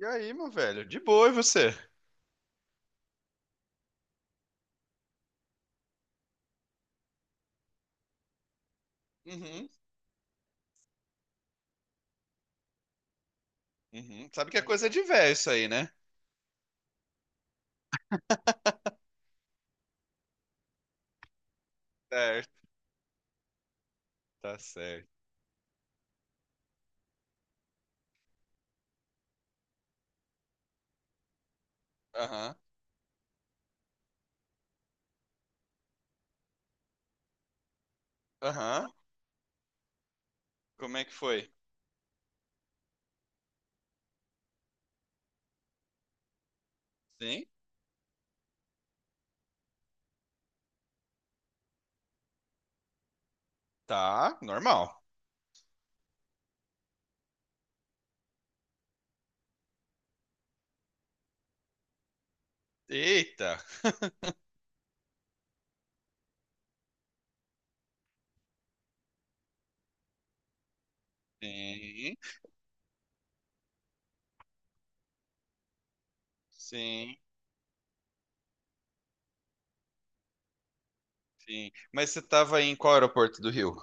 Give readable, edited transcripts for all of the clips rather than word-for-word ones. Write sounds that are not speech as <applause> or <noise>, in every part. E aí, meu velho? De boa, e você? Uhum, uhum. Sabe que é coisa de velho isso aí, né? Certo, tá certo. Aham, aham. Como é que foi? Sim? Tá, normal. Eita. <laughs> Sim, sim, sim. Mas você tava em qual aeroporto do Rio?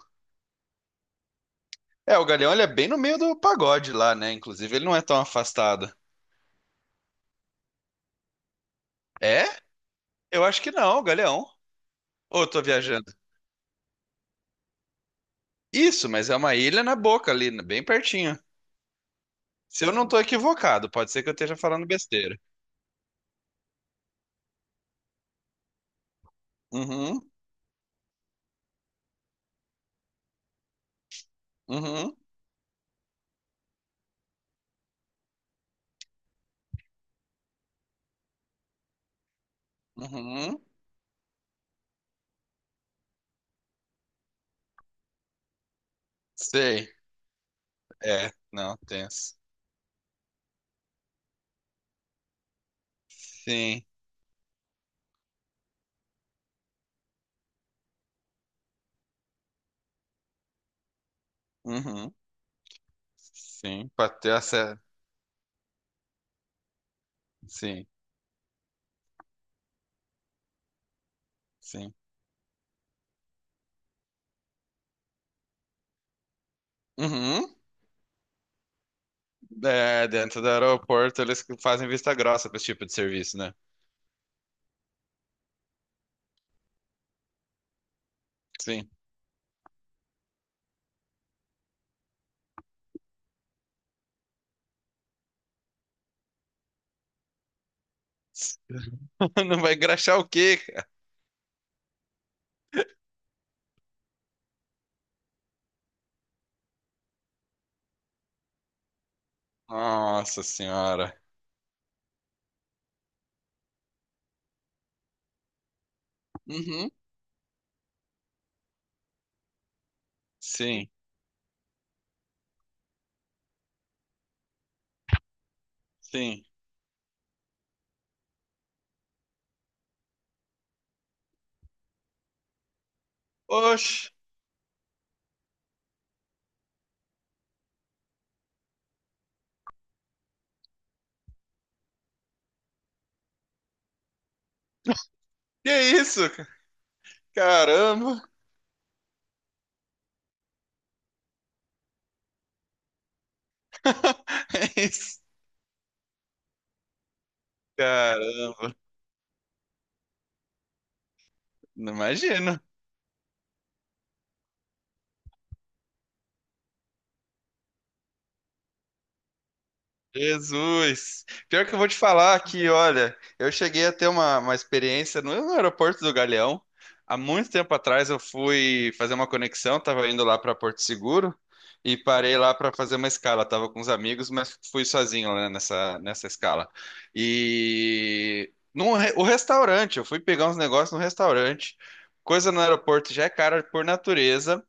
É, o Galeão, ele é bem no meio do pagode lá, né? Inclusive, ele não é tão afastado. É? Eu acho que não, Galeão. Ou eu tô viajando? Isso, mas é uma ilha na boca ali, bem pertinho. Se eu não tô equivocado, pode ser que eu esteja falando besteira. Uhum, uhum, uhum. Sei. É, não, tenso. Sim. Uhum. Sim, para ter acesso. Sim, sim. Uhum. É, dentro do aeroporto eles que fazem vista grossa para esse tipo de serviço, né? Sim. <laughs> Não vai engraxar o quê, cara? Nossa senhora. Uhum. Sim, sim. Oxe, que isso? Caramba. <laughs> É isso. Caramba. Não imagino. Jesus! Pior que eu vou te falar que, olha, eu cheguei a ter uma experiência no aeroporto do Galeão. Há muito tempo atrás eu fui fazer uma conexão, estava indo lá para Porto Seguro e parei lá para fazer uma escala. Tava com uns amigos, mas fui sozinho, né, nessa escala. O restaurante, eu fui pegar uns negócios no restaurante. Coisa no aeroporto já é cara por natureza,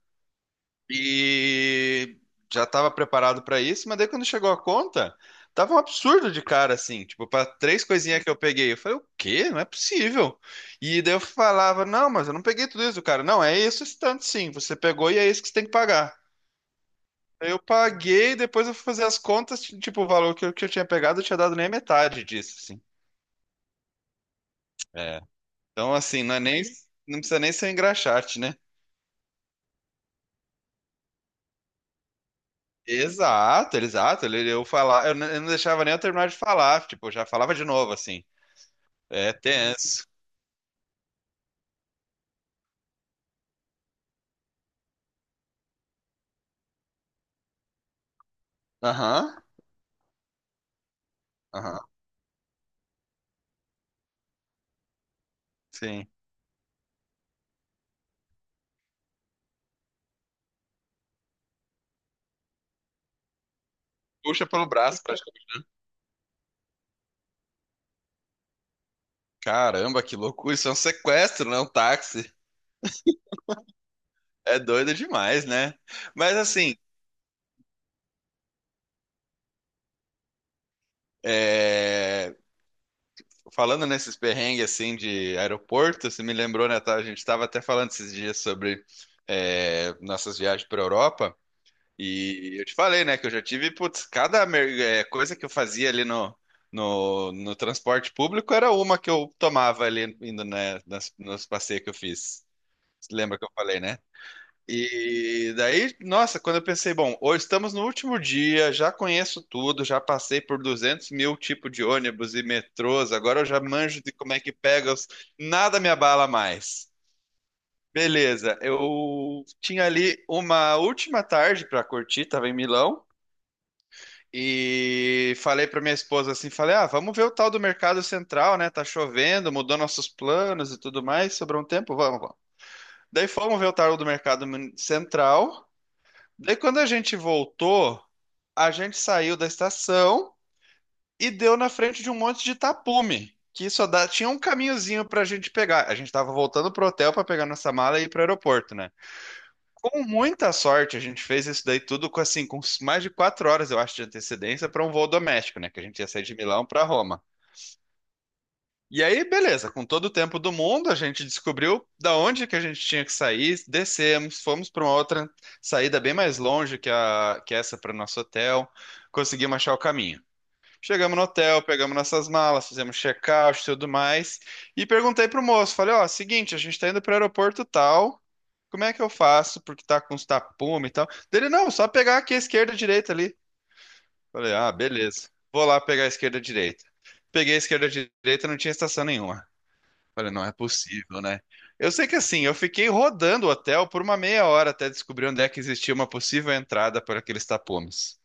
e já estava preparado para isso, mas daí quando chegou a conta, tava um absurdo de cara, assim, tipo, para três coisinhas que eu peguei. Eu falei, o quê? Não é possível. E daí eu falava, não, mas eu não peguei tudo isso, cara. Não, é isso, esse tanto sim, você pegou e é isso que você tem que pagar. Aí eu paguei, depois eu fui fazer as contas, tipo, o valor que eu tinha pegado, eu tinha dado nem a metade disso, assim. É. Então, assim, não é nem, não precisa nem ser engraxate, né? Exato, exato. Ele, eu falar, eu não deixava nem eu terminar de falar, tipo, eu já falava de novo assim. É tenso. Aham. Aham. Sim. Puxa pelo braço, praticamente. Caramba, que loucura! Isso é um sequestro, não é um táxi. É doido demais, né? Mas assim, é, falando nesses perrengues assim de aeroporto, você me lembrou, né? Tá? A gente estava até falando esses dias sobre nossas viagens para Europa. E eu te falei, né, que eu já tive, putz, coisa que eu fazia ali no transporte público era uma que eu tomava ali indo, né, nos passeios que eu fiz. Você lembra que eu falei, né? E daí, nossa, quando eu pensei, bom, hoje estamos no último dia, já conheço tudo, já passei por 200 mil tipos de ônibus e metrôs, agora eu já manjo de como é que pega, os... nada me abala mais. Beleza, eu tinha ali uma última tarde para curtir, estava em Milão, e falei pra minha esposa assim, falei, ah, vamos ver o tal do Mercado Central, né? Tá chovendo, mudou nossos planos e tudo mais, sobrou um tempo, vamos, vamos. Daí fomos ver o tal do Mercado Central. Daí quando a gente voltou, a gente saiu da estação e deu na frente de um monte de tapume, que só dá, tinha um caminhozinho pra gente pegar. A gente tava voltando pro hotel pra pegar nossa mala e ir pro aeroporto, né? Com muita sorte, a gente fez isso daí tudo com assim, com mais de 4 horas, eu acho, de antecedência para um voo doméstico, né? Que a gente ia sair de Milão para Roma. E aí, beleza, com todo o tempo do mundo, a gente descobriu da onde que a gente tinha que sair, descemos, fomos para uma outra saída bem mais longe que a que essa para o nosso hotel, conseguimos achar o caminho. Chegamos no hotel, pegamos nossas malas, fizemos check-out e tudo mais. E perguntei pro moço, falei, ó, seguinte, a gente tá indo pro aeroporto tal, como é que eu faço? Porque tá com os tapumes e tal. Dele, não, só pegar aqui a esquerda e a direita ali. Falei, ah, beleza. Vou lá pegar a esquerda e a direita. Peguei a esquerda e a direita, não tinha estação nenhuma. Falei, não é possível, né? Eu sei que assim, eu fiquei rodando o hotel por uma meia hora até descobrir onde é que existia uma possível entrada por aqueles tapumes.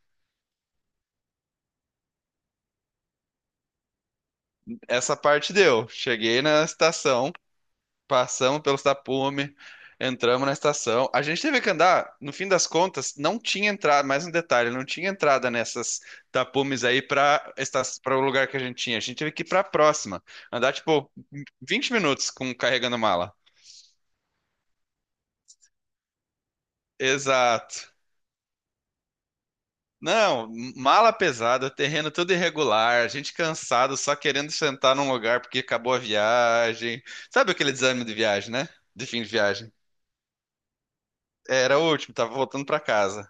Essa parte deu. Cheguei na estação. Passamos pelos tapumes, entramos na estação. A gente teve que andar, no fim das contas, não tinha entrada, mais um detalhe, não tinha entrada nessas tapumes aí para o lugar que a gente tinha. A gente teve que ir para a próxima, andar tipo 20 minutos com carregando mala. Exato. Não, mala pesada, terreno tudo irregular, a gente cansado, só querendo sentar num lugar porque acabou a viagem. Sabe aquele desânimo de viagem, né? De fim de viagem. Era o último, tava voltando para casa.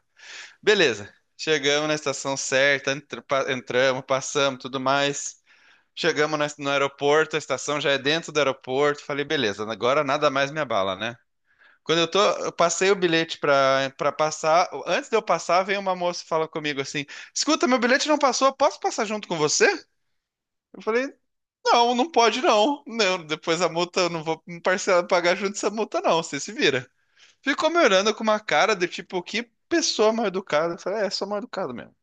Beleza. Chegamos na estação certa, entramos, passamos, tudo mais. Chegamos no aeroporto, a estação já é dentro do aeroporto. Falei, beleza, agora nada mais me abala, né? Quando eu tô, eu passei o bilhete pra passar. Antes de eu passar, vem uma moça e fala comigo assim: Escuta, meu bilhete não passou, posso passar junto com você? Eu falei: Não, não pode não. Não, depois a multa, eu não vou me parcelar, pagar junto essa multa, não. Você se vira. Ficou me olhando com uma cara de tipo, que pessoa mal educada. Eu falei: É, sou mal educado mesmo.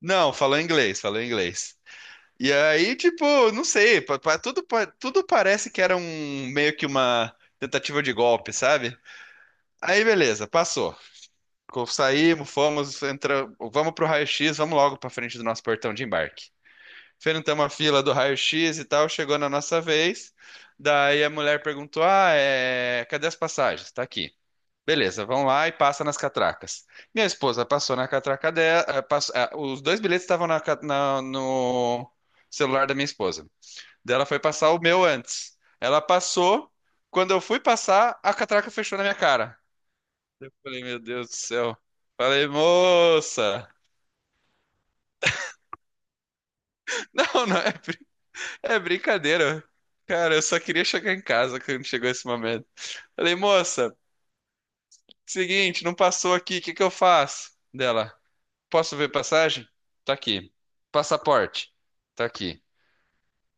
Não, falou inglês, falou inglês. E aí, tipo, não sei, tudo parece que era um meio que uma tentativa de golpe, sabe? Aí, beleza, passou. Saímos, fomos, entra, vamos pro raio-x, vamos logo pra frente do nosso portão de embarque. Enfrentamos a fila do raio-x e tal, chegou na nossa vez. Daí a mulher perguntou: Ah, é, cadê as passagens? Tá aqui. Beleza, vão lá e passa nas catracas. Minha esposa passou na catraca dela. Os dois bilhetes estavam no celular da minha esposa. Daí ela foi passar o meu antes. Ela passou. Quando eu fui passar, a catraca fechou na minha cara. Falei, meu Deus do céu. Falei, moça. <laughs> Não, não, é brincadeira. Cara, eu só queria chegar em casa quando chegou esse momento. Falei, moça, seguinte, não passou aqui, o que que eu faço? Dela. Posso ver passagem? Tá aqui. Passaporte? Tá aqui.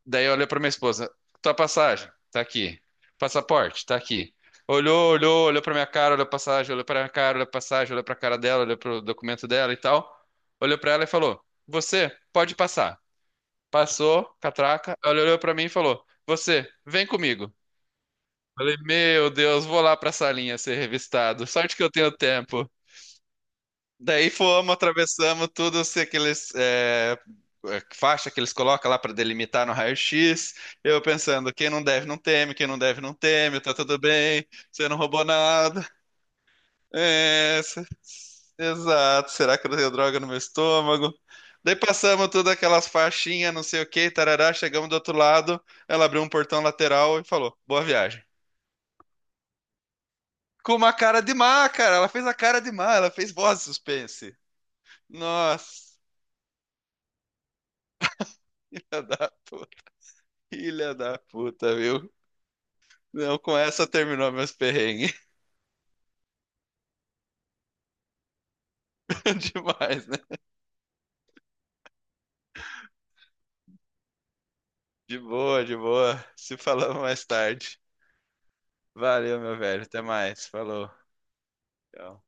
Daí olhou pra minha esposa. Tua passagem? Tá aqui. Passaporte? Tá aqui. Olhou, olhou, olhou pra minha cara, olhou a passagem, olhou pra minha cara, olhou a passagem, olhou pra cara dela, olhou pro documento dela e tal. Olhou pra ela e falou: Você pode passar. Passou, catraca. Ela olhou pra mim e falou: Você, vem comigo. Falei: Meu Deus, vou lá pra salinha ser revistado. Sorte que eu tenho tempo. Daí fomos, atravessamos tudo, se aqueles faixa que eles colocam lá para delimitar no raio-x. Eu pensando, quem não deve não teme, quem não deve não teme, tá tudo bem, você não roubou nada. É, exato, será que eu tenho droga no meu estômago? Daí passamos todas aquelas faixinhas, não sei o que, tarará, chegamos do outro lado, ela abriu um portão lateral e falou, boa viagem. Com uma cara de má, cara, ela fez a cara de má, ela fez voz de suspense. Nossa, <laughs> que filha da puta, viu? Não, com essa terminou meus perrengues. <laughs> Demais, né? De boa, de boa. Se falamos mais tarde. Valeu, meu velho. Até mais. Falou. Tchau.